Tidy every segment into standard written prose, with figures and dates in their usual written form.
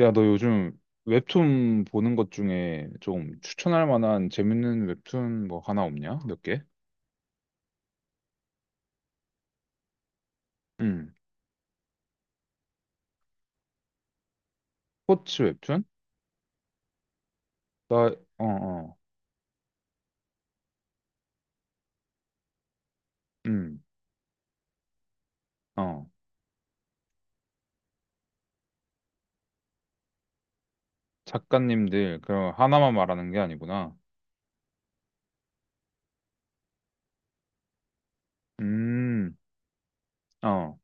야, 너 요즘 웹툰 보는 것 중에 좀 추천할 만한 재밌는 웹툰 뭐 하나 없냐? 몇 개? 응. 스포츠 웹툰? 나, 어, 어, 응, 어. 작가님들, 그, 하나만 말하는 게 아니구나. 음, 어.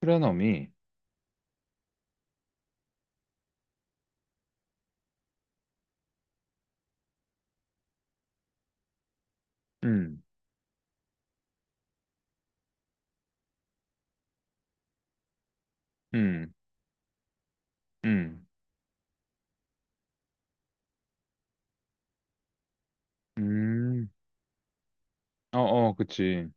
프레너미. 음, 음, 음, 음. 어, 어, 그치.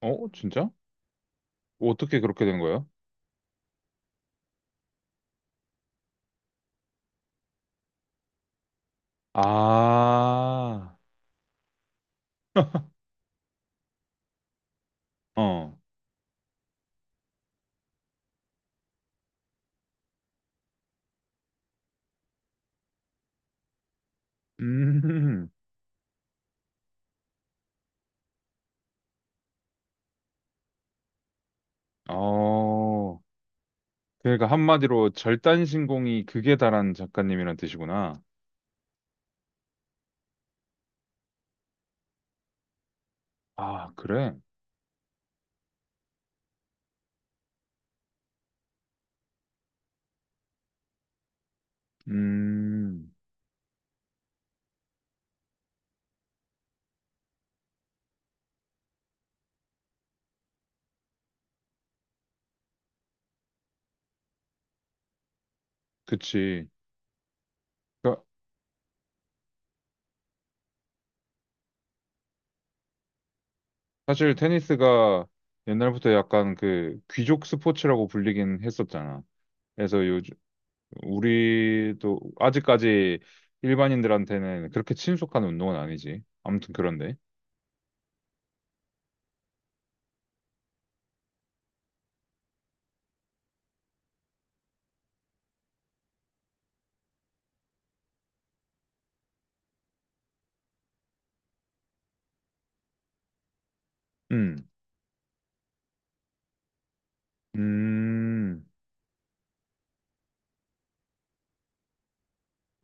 어, 진짜? 어떻게 그렇게 된 거야? 아, 어. 음, 어. 그러니까 한마디로 절단신공이 극에 달한 작가님이란 뜻이구나. 아, 그래? 음, 그치. 그러니까 사실 테니스가 옛날부터 약간 그 귀족 스포츠라고 불리긴 했었잖아. 그래서 요즘 우리도 아직까지 일반인들한테는 그렇게 친숙한 운동은 아니지. 아무튼 그런데. 음, 음,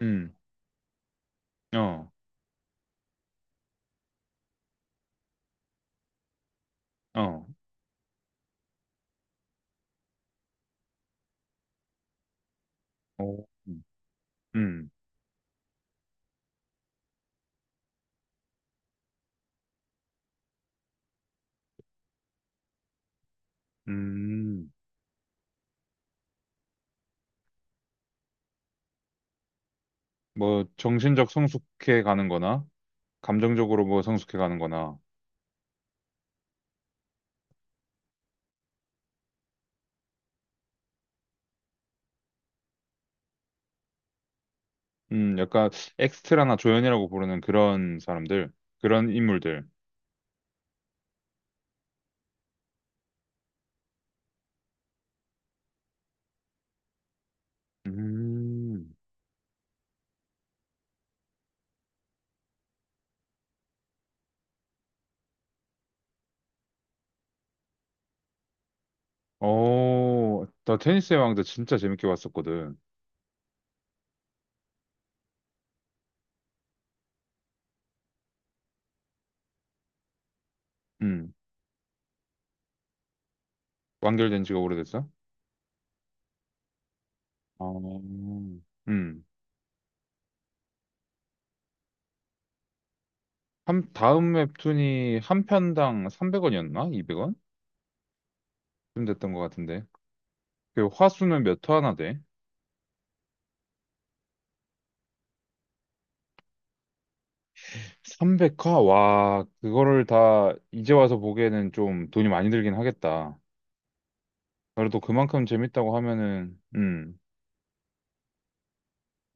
음, 어, 어, 어, 음, 음. 뭐 정신적 성숙해 가는 거나 감정적으로 뭐 성숙해가는 거나, 약간 엑스트라나 조연이라고 부르는 그런 사람들, 그런 인물들. 음, 어, 나 테니스의 왕자 진짜 재밌게 봤었거든. 음, 완결된 지가 오래됐어? 어, 음. 한, 다음 웹툰이 한 편당 300원이었나? 200원? 좀 됐던 것 같은데. 그 화수는 몇 화나 돼? 300화? 와, 그거를 다 이제 와서 보기에는 좀 돈이 많이 들긴 하겠다. 그래도 그만큼 재밌다고 하면은,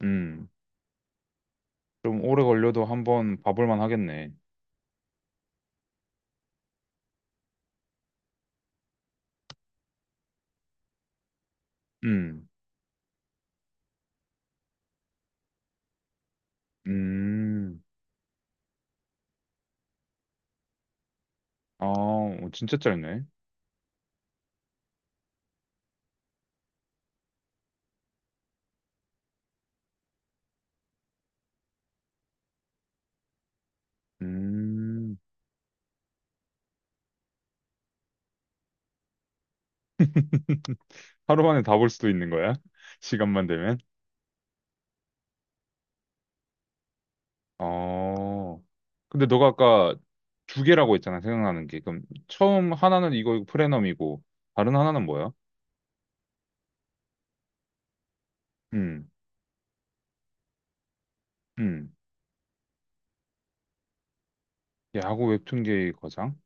음, 좀 오래 걸려도 한번 봐볼 만 하겠네. 음, 음, 아, 어, 진짜 짧네. 음, 하루 만에 다 볼 수도 있는 거야? 시간만 되면? 어, 근데 너가 아까 두 개라고 했잖아, 생각나는 게. 그럼 처음 하나는 이거 프레넘이고, 다른 하나는 뭐야? 음, 음, 야구 웹툰계의 거장?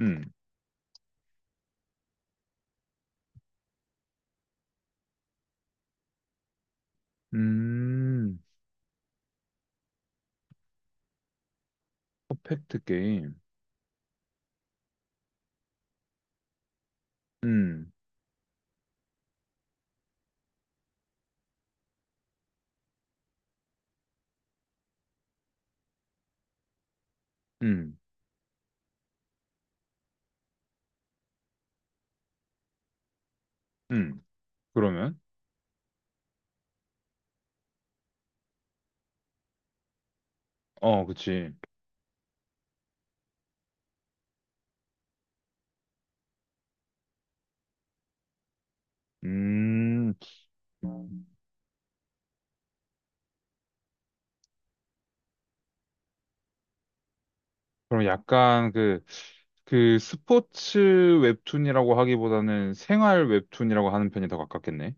음, 음, 퍼펙트 게임. 음, 음, 음. 그러면? 어, 그치. 음, 그럼 약간 그 스포츠 웹툰이라고 하기보다는 생활 웹툰이라고 하는 편이 더 가깝겠네.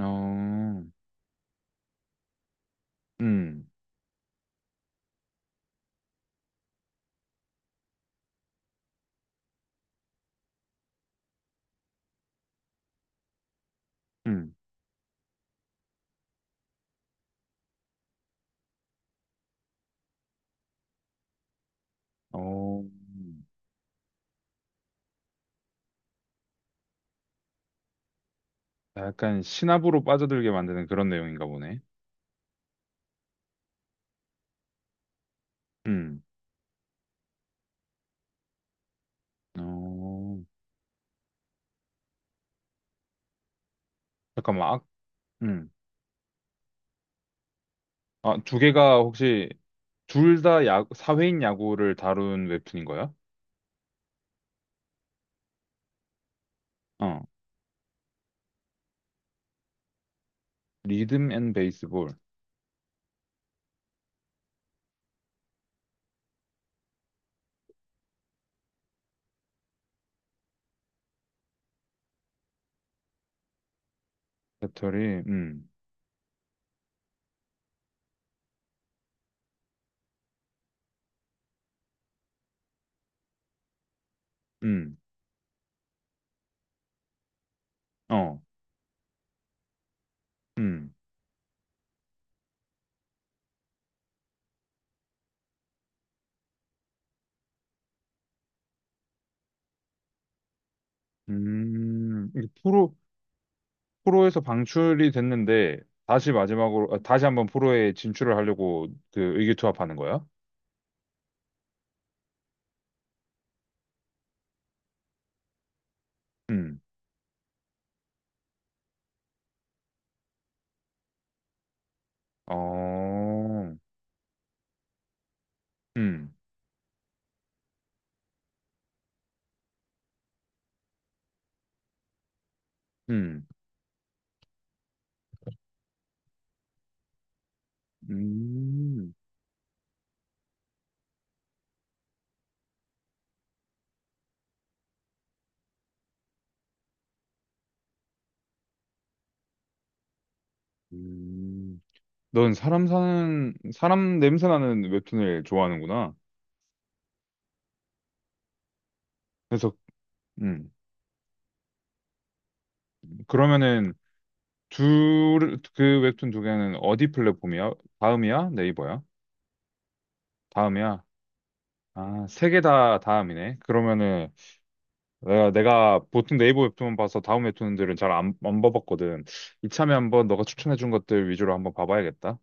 어, 음, 음, 어, 약간 신압으로 빠져들게 만드는 그런 내용인가 보네. 음, 어, 잠깐만, 아, 음, 아, 두 개가 혹시 둘 다 야구, 사회인 야구를 다룬 웹툰인 거야? 어, 리듬 앤 베이스볼, 배터리, 음, 어. 음, 이게 프로, 프로에서 방출이 됐는데, 다시 마지막으로, 아, 다시 한번 프로에 진출을 하려고 그 의기투합하는 거야? 음, 어, 음, 음, 음, 음. 넌 사람 사는, 사람 냄새 나는 웹툰을 좋아하는구나. 그래서, 음, 그러면은, 둘, 그 웹툰 두 개는 어디 플랫폼이야? 다음이야? 네이버야? 다음이야? 아, 세 개 다 다음이네. 그러면은, 내가 보통 네이버 웹툰만 봐서 다음 웹툰들은 잘 안 봐봤거든. 이참에 한번 너가 추천해준 것들 위주로 한번 봐봐야겠다.